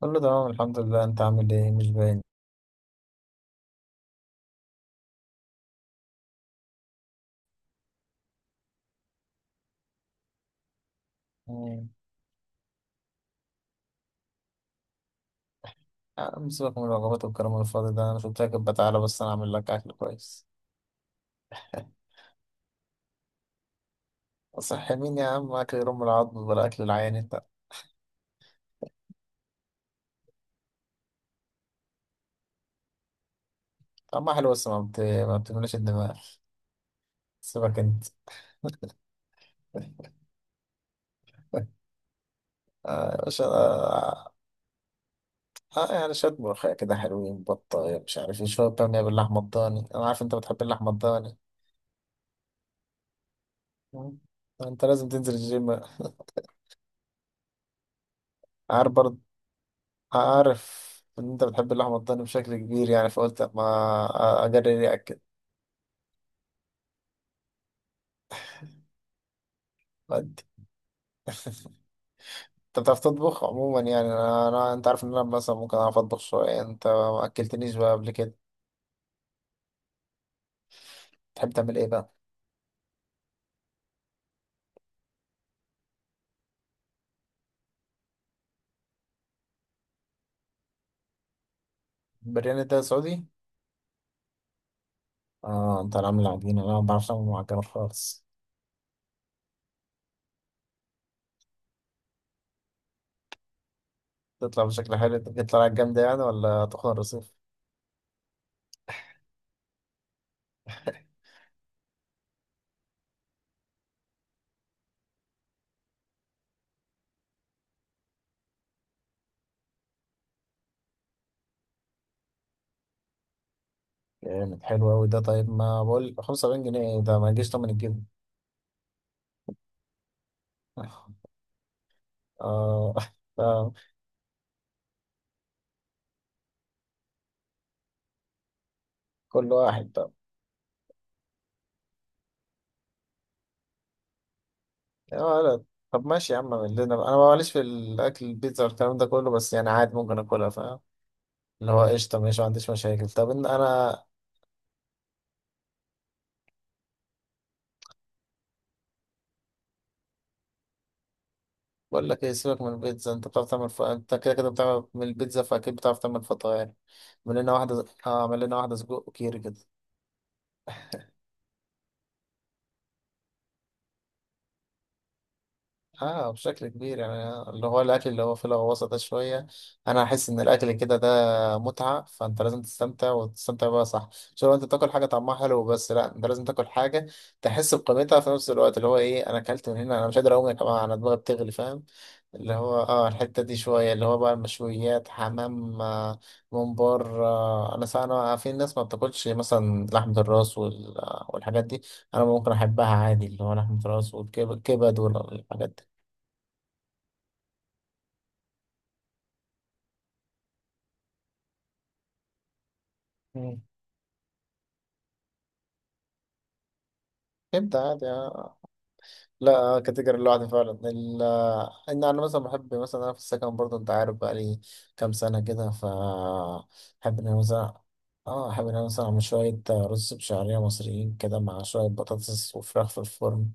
كله تمام الحمد لله. انت عامل ايه؟ مش باين. مم. عم، سيبك من الوجبات والكلام الفاضي ده، انا شفتك كده، تعالى بس انا اعمل لك اكل كويس. صحي مين يا عم؟ اكل يرم العظم ولا اكل العيان انت؟ طعمها حلو بس ما بتملاش الدماغ. سيبك انت. آه مش آه يعني شوية ملوخية كده حلوين، بطة، مش عارف ايه، شوية بامية باللحمة الضاني. انا عارف انت بتحب اللحمة الضاني. مم. انت لازم تنزل الجيم. عارف برضه. عارف ان انت بتحب اللحمه الضاني بشكل كبير، يعني فقلت اما اجرب اكل. انت بتعرف تطبخ عموما؟ يعني انا انت عارف ان انا مثلا ممكن اعرف اطبخ شويه، انت ما اكلتنيش بقى قبل كده. تحب تعمل ايه بقى؟ برياني ده سعودي. اه انت اللي عامل العجينه، انا ما بعرفش اعمل معجنات خالص. تطلع بشكل حلو، تطلع جامده يعني ولا تخن الرصيف؟ جامد حلو أوي ده. طيب ما بقول 75 جنيه ده ما يجيش تمن الجبن. اه آه، كل واحد بقى؟ يا ولد. طب ماشي يا عم، اعمل لنا بقى. انا ماليش في الاكل البيتزا والكلام ده كله، بس يعني عادي ممكن اكلها، فاهم؟ اللي هو قشطه ماشي، ما عنديش مشاكل. طب إن انا بقول لك ايه، سيبك من البيتزا. انت بتعرف تعمل انت كده كده بتعمل من البيتزا، فاكيد بتعرف تعمل فطاير. اعمل لنا واحده، اه اعمل لنا واحده سجق وكيري كده. اه بشكل كبير، يعني اللي هو الاكل اللي هو فيه الغواصه ده شويه. انا احس ان الاكل كده ده متعه، فانت لازم تستمتع وتستمتع بقى، صح؟ مش لو انت تاكل حاجه طعمها حلو بس، لا، انت لازم تاكل حاجه تحس بقيمتها في نفس الوقت. اللي هو ايه، انا اكلت من هنا انا مش قادر اقوم يا جماعه، انا دماغي بتغلي، فاهم؟ اللي هو اه الحته دي شويه، اللي هو بقى المشويات، حمام، ممبار. انا انا في ناس ما بتاكلش مثلا لحمه الراس والحاجات دي. انا ممكن احبها عادي، اللي هو لحمه الراس والكبد والحاجات دي. مم. ابدأ عادي. لا. كاتيجوري لوحدي فعلا. ان انا مثلا بحب، مثلا انا في السكن برضه انت عارف بقالي كام سنه كده. ف احب ان انا مثلا اه احب ان انا مثلا اعمل شويه، رز بشعريه مصريين كده مع شويه بطاطس وفراخ في الفرن.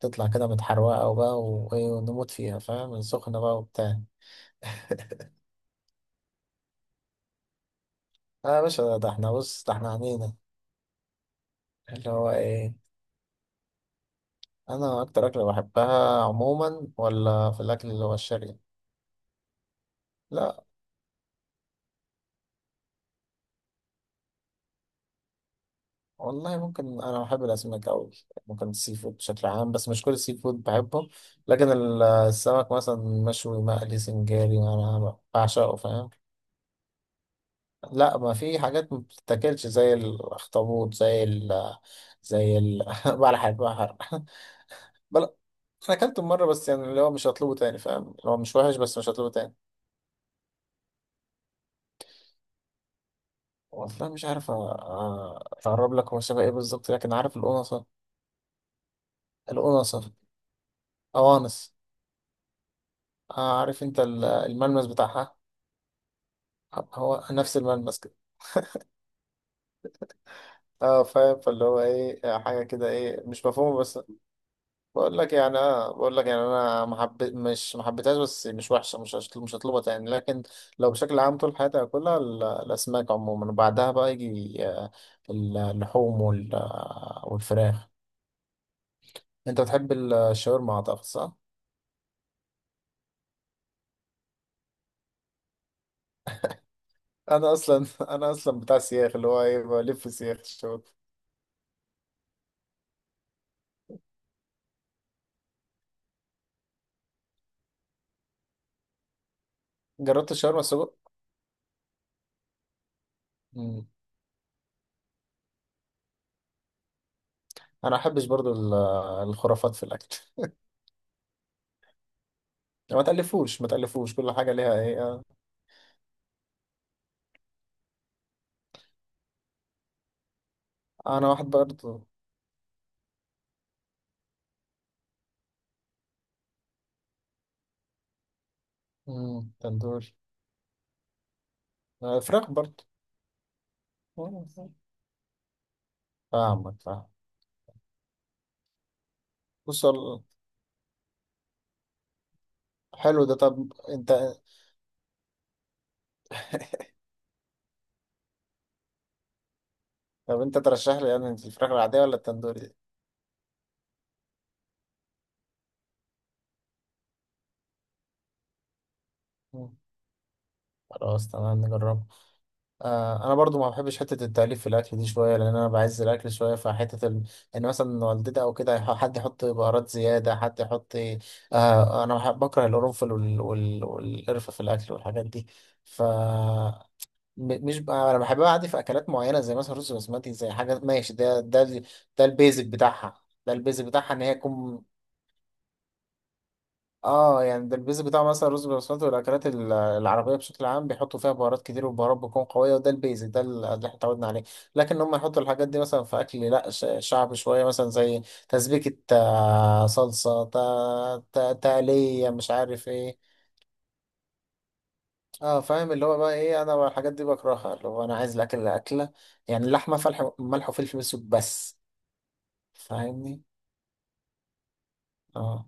تطلع كده متحروقه وبقى وايه، ونموت فيها، فاهم؟ سخنه بقى وبتاع. اه يا باشا، ده احنا بص ده احنا عنينا. اللي هو ايه، انا اكتر اكله بحبها عموما ولا في الاكل اللي هو الشرقي؟ لا. والله ممكن انا بحب الاسماك قوي، ممكن السي فود بشكل عام، بس مش كل السي فود بحبه. لكن السمك مثلا مشوي، مقلي، سنجاري، انا بعشقه، فاهم؟ لا، ما في حاجات ما بتتاكلش، زي الاخطبوط، زي ال زي ال بلح البحر. بل انا اكلته مره بس، يعني اللي هو مش هطلبه تاني فاهم، اللي هو مش وحش، بس مش هطلبه تاني. والله مش عارف. اقرب لك هو شبه ايه بالظبط، لكن عارف القنصه؟ القنصه. قوانص. عارف انت الملمس بتاعها، هو نفس الملمس كده. اه فاهم، فاللي هو ايه، حاجه كده ايه مش مفهومه، بس بقول لك يعني انا محب، مش محبتهاش، بس مش وحشه، مش هطلبها تاني. لكن لو بشكل عام طول حياتي هاكلها، الاسماك عموما. وبعدها بقى يجي اللحوم والفراخ. انت بتحب الشاورما اعتقد، صح؟ انا اصلا انا اصلا بتاع سياخ، اللي هو ايه، بلف سياخ الشاورما. جربت الشاورما السجق؟ مم. انا ما احبش برضو الخرافات في الاكل. ما تألفوش ما تألفوش، كل حاجة ليها ايه. آه. انا واحد برضه. تندور. فراخ برضه. آه، فاهمك، فاهم. بص حلو ده. طب انت، طب انت ترشح لي يعني الفراخ العادية ولا التندوري دي؟ مم. خلاص تمام، نجربها. آه، انا برضو ما بحبش حتة التأليف في الاكل دي شوية، لان انا بعز الاكل شوية. فحتة ان مثلا والدتي او كده حد يحط بهارات زيادة، حد يحط، آه انا بكره القرنفل والقرفة في الاكل والحاجات دي. ف مش بقى، انا بحبها عادي في اكلات معينه زي مثلا رز بسمتي، زي حاجه ماشي. ده البيزك بتاعها، ده البيزك بتاعها ان هي تكون. اه يعني ده البيزك بتاع مثلا رز بسمتي والاكلات العربيه بشكل عام، بيحطوا فيها بهارات كتير والبهارات بتكون قويه، وده البيزك ده اللي احنا اتعودنا عليه. لكن هم يحطوا الحاجات دي مثلا في اكل لا شعبي شويه، مثلا زي تسبيكه، صلصه، تقليه، مش عارف ايه. اه فاهم، اللي هو بقى ايه، انا بقى الحاجات دي بكرهها، اللي هو انا عايز الاكل اللي اكله يعني اللحمه، فلح ملح وفلفل اسود بس، فاهمني؟ اه.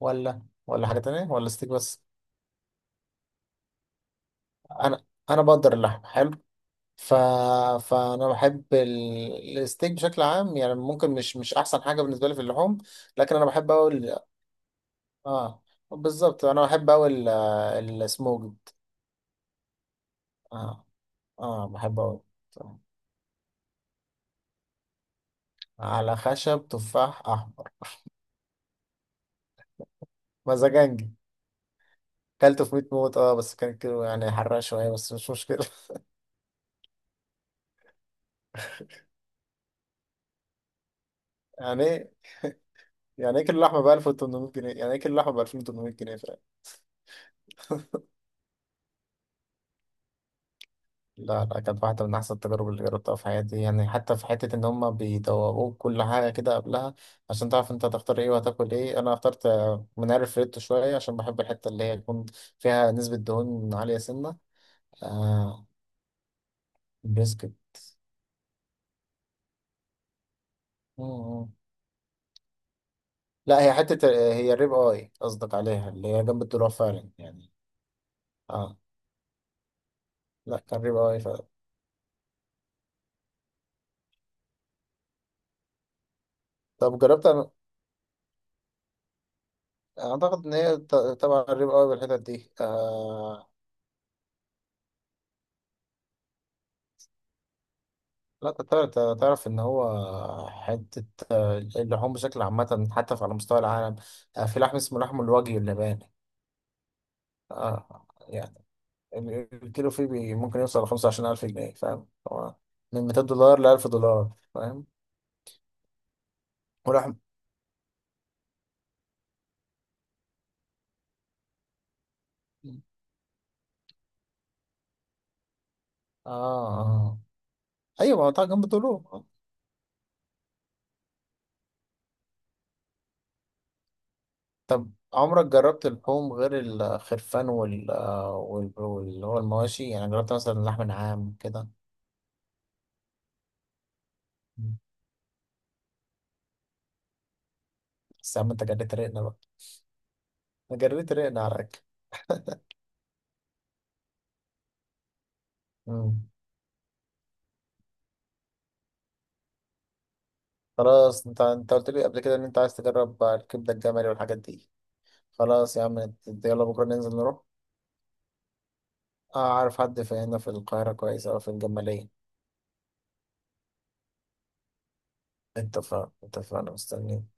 ولا ولا حاجه تانية، ولا ستيك بس؟ انا، انا بقدر اللحمه حلو. ف... فانا بحب الستيك بشكل عام، يعني ممكن مش، احسن حاجه بالنسبه لي في اللحوم. لكن انا بحب اقول، اه بالظبط انا بحب اقول السموكد. اه اه بحب اقول على خشب تفاح احمر. مزاجنج. كلته في 100 موت، اه بس كان كيلو يعني، حرق شويه بس مش مشكله. يعني ايه، يعني ايه كيلو لحمه ب 1800 جنيه؟ يعني ايه كيلو لحمه ب 2800 جنيه فعلا؟ لا لا، كانت واحدة من أحسن التجارب اللي جربتها في حياتي، يعني حتى في حتة إن هما بيدوقوك كل حاجة كده قبلها عشان تعرف أنت هتختار إيه وهتاكل إيه. أنا اخترت منقار فريتو شوية عشان بحب الحتة اللي هي تكون فيها نسبة دهون عالية سنة. آه بريسكت. مم، مم. لا، هي حتة، هي الريب آي قصدك عليها، اللي هي جنب الدروع فعلا يعني. آه، لا كان ريب آي. طب جربت أنا، أعتقد إن هي تبع الريب أوي بالحتت دي. لا كنت تعرف، تعرف إن هو حتة، اللحوم بشكل عامة حتى على مستوى العالم، آه في لحم اسمه لحم الوجه اللباني. آه يعني الكيلو فيه بي ممكن يوصل ل25000 جنيه، فاهم؟ هو من 200 دولار ل1000 دولار، فاهم؟ ولحم، آه آه أيوة. ما هو طبعا جنب طوله. طب عمرك جربت اللحوم غير الخرفان واللي هو المواشي، يعني جربت مثلا لحم نعام كده؟ مم. بس يا عم انت جريت رقنا بقى. انا جريت رقنا على الأكل. مم. خلاص انت، قلت لي قبل كده ان انت عايز تجرب الكبدة الجملي والحاجات دي. خلاص يا عم يلا بكرة ننزل نروح. اعرف حد في هنا في القاهرة كويس او في الجمالية. اتفقنا اتفقنا، مستنيين.